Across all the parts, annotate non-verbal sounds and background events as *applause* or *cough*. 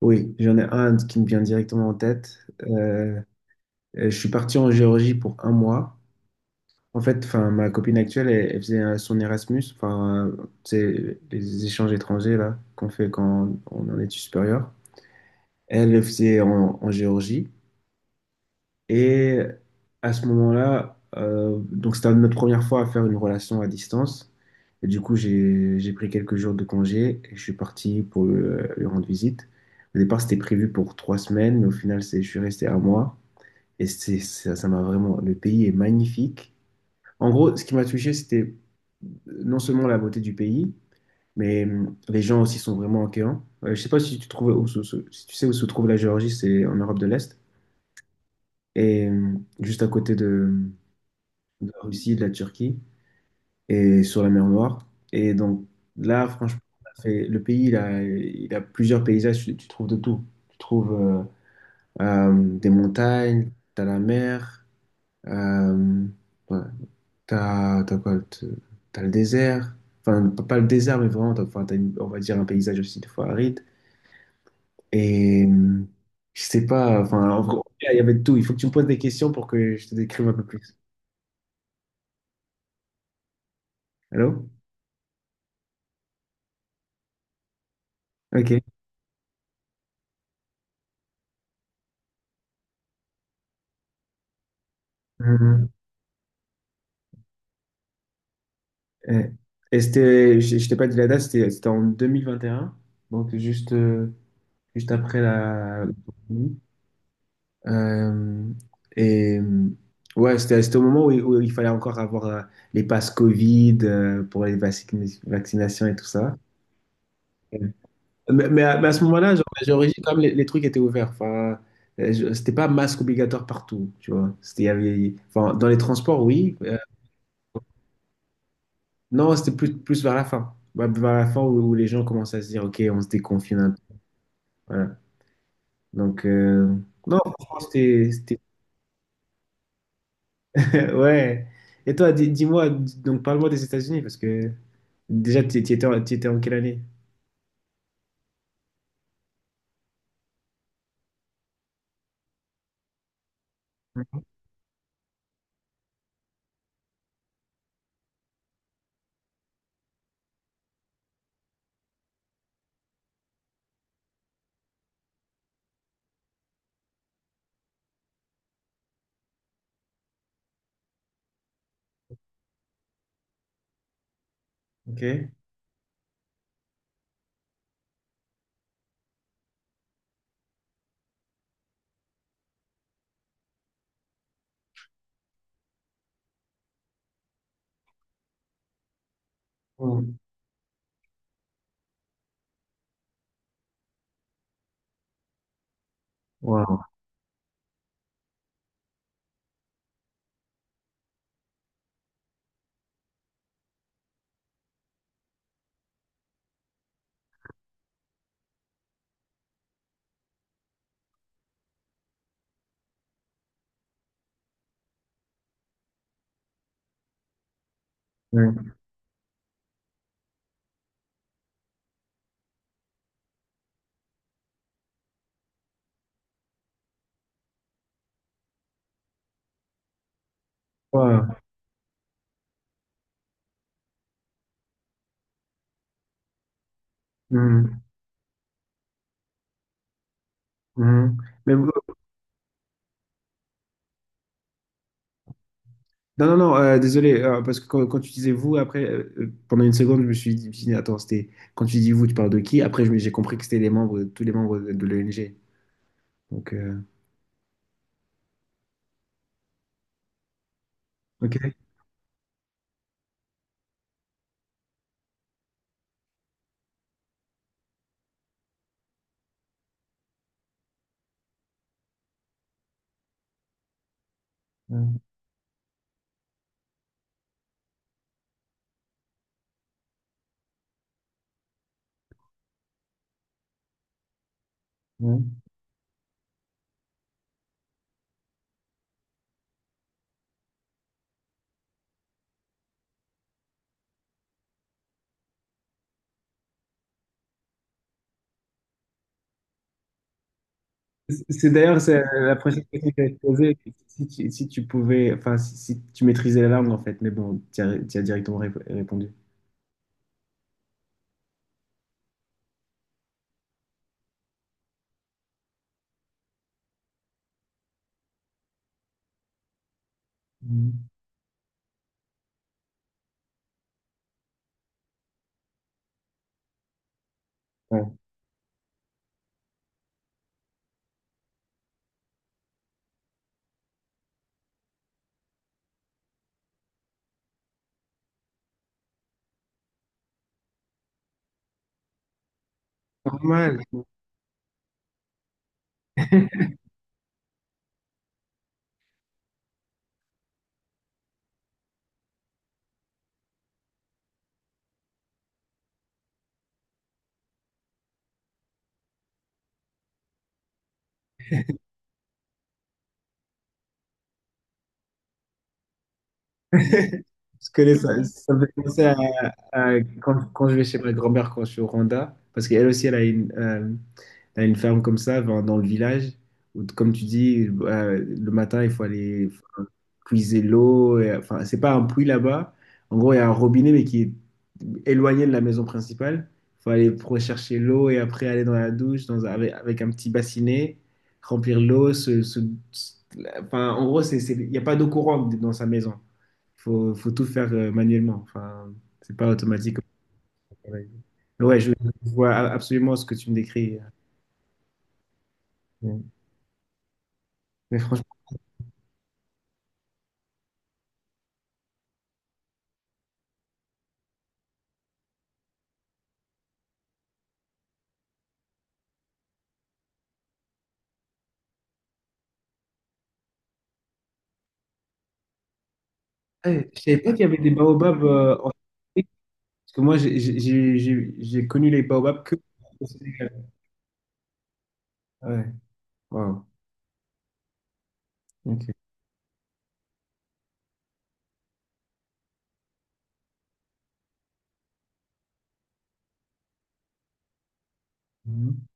Oui, j'en ai un qui me vient directement en tête. Je suis parti en Géorgie pour un mois. En fait, enfin, ma copine actuelle, elle faisait son Erasmus, enfin, c'est les échanges étrangers là qu'on fait quand on est en études supérieures. Elle le faisait en Géorgie. Et à ce moment-là, donc c'était notre première fois à faire une relation à distance. Et du coup, j'ai pris quelques jours de congé et je suis parti pour lui rendre visite. Au départ, c'était prévu pour 3 semaines, mais au final, je suis resté un mois. Et ça m'a vraiment... Le pays est magnifique. En gros, ce qui m'a touché, c'était non seulement la beauté du pays, mais les gens aussi sont vraiment accueillants. Je sais pas si tu trouves où si tu sais où se trouve la Géorgie, c'est en Europe de l'Est. Et juste à côté de la Russie, de la Turquie et sur la mer Noire. Et donc là, franchement, le pays, il a plusieurs paysages, tu trouves de tout. Tu trouves des montagnes, t'as la mer, euh, ouais, t'as, t'as quoi, t'as- t'as le désert. Enfin, pas le désert, mais vraiment, t'as, enfin, t'as une- on va dire un paysage aussi des fois aride. Et je sais pas, enfin, en gros, il y avait de tout. Il faut que tu me poses des questions pour que je te décrive un peu plus. Allô? Ok. Mm-hmm. Ouais. Et c'était, je t'ai pas dit la date, c'était en 2021, donc juste après la... Euh, et ouais, c'était au moment où il fallait encore avoir les passes Covid pour les vaccinations et tout ça. Ouais. Mais à ce moment-là, genre, j'ai réussi quand même, les trucs étaient ouverts. Enfin, c'était pas masque obligatoire partout, tu vois. C'était, il y avait, enfin, dans les transports, oui. Non, c'était plus vers la fin. Ouais, vers la fin où les gens commencent à se dire, OK, on se déconfine un peu. Voilà. Donc, non, franchement, c'était. *laughs* Ouais. Et toi, dis-moi, donc parle-moi des États-Unis, parce que déjà, tu étais en quelle année? OK. Mm. Wow. Ouais. Wow. Mhm. Mhm. Mais vous- non, non, non, désolé, parce que quand tu disais vous, après, pendant une seconde, je me suis dit, attends, c'était quand tu dis vous, tu parles de qui? Après, j'ai compris que c'était les membres, tous les membres de l'ONG. Donc, ok. Mhm. Mhm. C'est la prochaine question que j'allais te poser. Si tu pouvais, enfin, si tu maîtrisais la langue, en fait, mais bon, tu as directement répondu. Mhm. Ouais. Normal. *laughs* Je connais ça. Ça me fait penser à quand, quand je vais chez ma grand-mère quand je suis au Rwanda, parce qu'elle aussi, elle a une... T'as une ferme comme ça, enfin, dans le village où, comme tu dis, le matin, il faut aller, enfin, puiser l'eau. Et enfin, c'est pas un puits là-bas. En gros, il y a un robinet, mais qui est éloigné de la maison principale. Il faut aller rechercher l'eau et après aller dans la douche avec un petit bassinet, remplir l'eau... se- enfin, en gros, il n'y a pas d'eau courante dans sa maison. Il faut tout faire manuellement. Enfin, c'est pas automatique. Ouais, je vois absolument ce que tu me décris. Mais franchement... Ouais, je savais pas qu'il y avait des baobabs en Afrique, parce que moi j'ai connu les baobabs que au Sénégal. Ouais, wow. Ok. Mhm.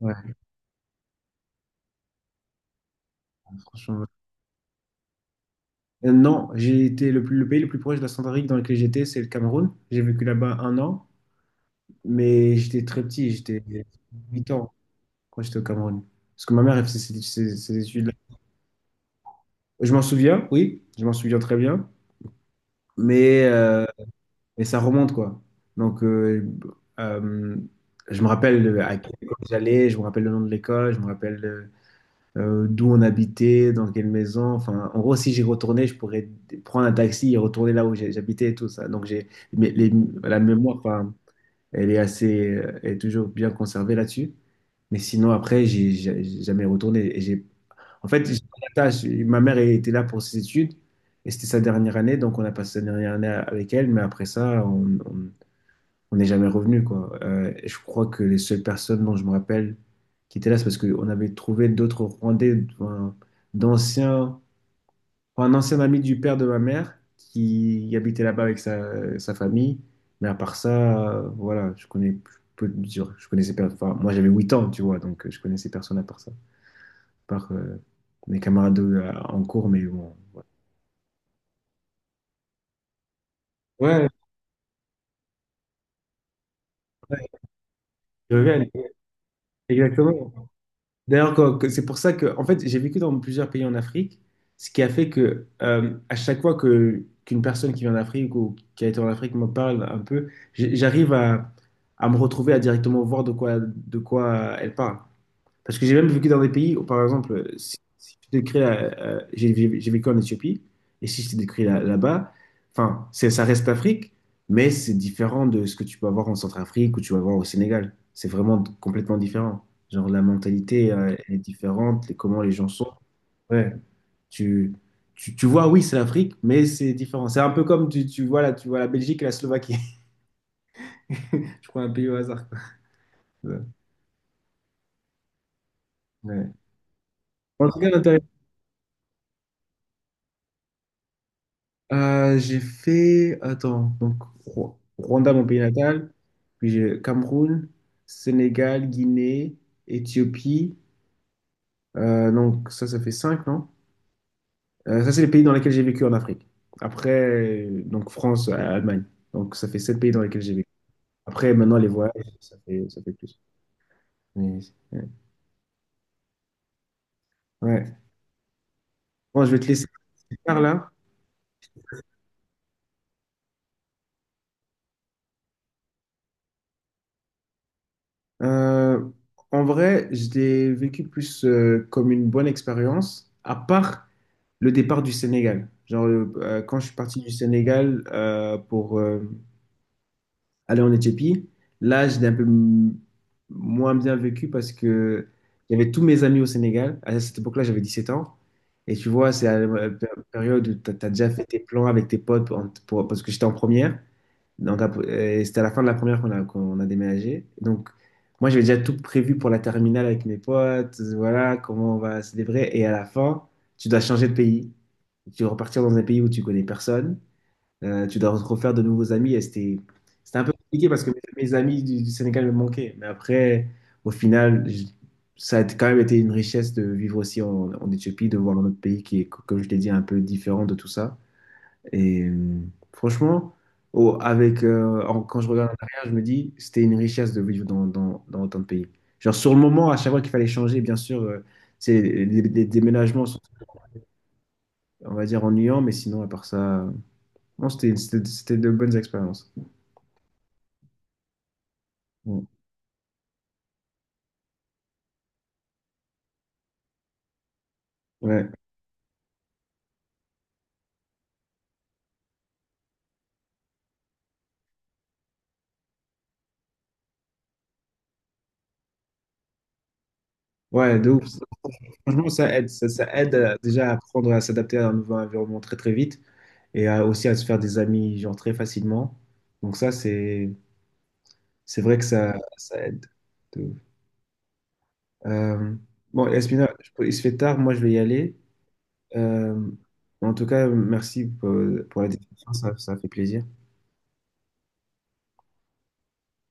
Ouais, franchement. Non, j'ai été le plus, le pays le plus proche de la Centrafrique dans lequel j'étais, c'est le Cameroun. J'ai vécu là-bas un an, mais j'étais très petit, j'étais 8 ans quand j'étais au Cameroun. Parce que ma mère, elle faisait ses études là. Je m'en souviens, oui, je m'en souviens très bien, mais et ça remonte, quoi. Donc, euh, je me rappelle à quelle école j'allais, je me rappelle le nom de l'école, je me rappelle d'où on habitait, dans quelle maison. Enfin, en gros, si j'y retournais, je pourrais prendre un taxi et retourner là où j'habitais et tout ça. Donc, mais les- la mémoire, enfin, elle est assez, elle est toujours bien conservée là-dessus. Mais sinon, après, j'ai jamais retourné. Et j'ai, en fait, j'ai pas d'attache. Ma mère elle était là pour ses études et c'était sa dernière année, donc on a passé sa dernière année avec elle. Mais après ça, on n'est jamais revenu, quoi. Et je crois que les seules personnes dont je me rappelle qui étaient là, c'est parce qu'on avait trouvé d'autres Rwandais, enfin, d'anciens, enfin, un ancien ami du père de ma mère qui habitait là-bas avec sa famille. Mais à part ça, voilà, je connais peu de je enfin, moi j'avais 8 ans, tu vois, donc je connaissais personne à part ça, à part mes camarades en cours, mais bon. Ouais, ouais, je reviens, exactement. D'ailleurs, quoi, c'est pour ça que, en fait, j'ai vécu dans plusieurs pays en Afrique, ce qui a fait que, à chaque fois que qu'une personne qui vient d'Afrique ou qui a été en Afrique me parle un peu, j'arrive à me retrouver à directement voir de quoi elle parle. Parce que j'ai même vécu dans des pays où, par exemple, si je te décris, j'ai vécu en Éthiopie, et si je te décris là-bas, enfin, c'est, ça reste l'Afrique, mais c'est différent de ce que tu peux avoir en Centrafrique ou tu vas voir au Sénégal. C'est vraiment complètement différent. Genre, la mentalité, elle est différente, comment les gens sont. Ouais, tu, tu vois, oui, c'est l'Afrique, mais c'est différent. C'est un peu comme tu vois, là, tu vois la Belgique et la Slovaquie. *laughs* Je crois un pays au hasard, quoi. Ouais. Ouais. En tout cas, intéressant. J'ai fait, attends, donc Rwanda, mon pays natal, puis j'ai Cameroun, Sénégal, Guinée, Éthiopie. Donc ça, ça fait cinq, non? Ça, c'est les pays dans lesquels j'ai vécu en Afrique. Après, donc France, Allemagne. Donc ça fait 7 pays dans lesquels j'ai vécu. Après, maintenant, les voyages, ça fait plus. Mais, ouais. Ouais. Bon, je vais te laisser par là. Euh, en vrai, je l'ai vécu plus comme une bonne expérience, à part le départ du Sénégal. Genre, quand je suis parti du Sénégal pour aller en Éthiopie, là, je l'ai un peu moins bien vécu parce que j'avais tous mes amis au Sénégal. À cette époque-là, j'avais 17 ans. Et tu vois, c'est à la période où tu as déjà fait tes plans avec tes potes parce que j'étais en première. Donc, c'était à la fin de la première qu'on a déménagé. Donc, moi, j'avais déjà tout prévu pour la terminale avec mes potes. Voilà, comment on va célébrer. Et à la fin, tu dois changer de pays. Tu dois repartir dans un pays où tu connais personne. Tu dois te refaire de nouveaux amis. Et c'était un peu compliqué parce que mes amis du Sénégal me manquaient. Mais après, au final, ça a quand même été une richesse de vivre aussi en Éthiopie, de voir un autre pays qui est, comme je l'ai dit, un peu différent de tout ça. Et franchement, quand je regarde en arrière, je me dis, c'était une richesse de vivre dans autant de pays. Genre, sur le moment, à chaque fois qu'il fallait changer, bien sûr, c'est, les déménagements sont, on va dire, ennuyants, mais sinon, à part ça, non, c'était de bonnes expériences. Ouais, ouais, ouais, de ouf. Franchement, ça aide. Ça aide déjà à apprendre à s'adapter à un nouveau environnement très, très vite et aussi à se faire des amis, genre, très facilement. Donc, ça, c'est vrai que ça aide. Euh, bon, Yasmina, il se fait tard, moi je vais y aller. Euh, en tout cas, merci pour la discussion, ça fait plaisir.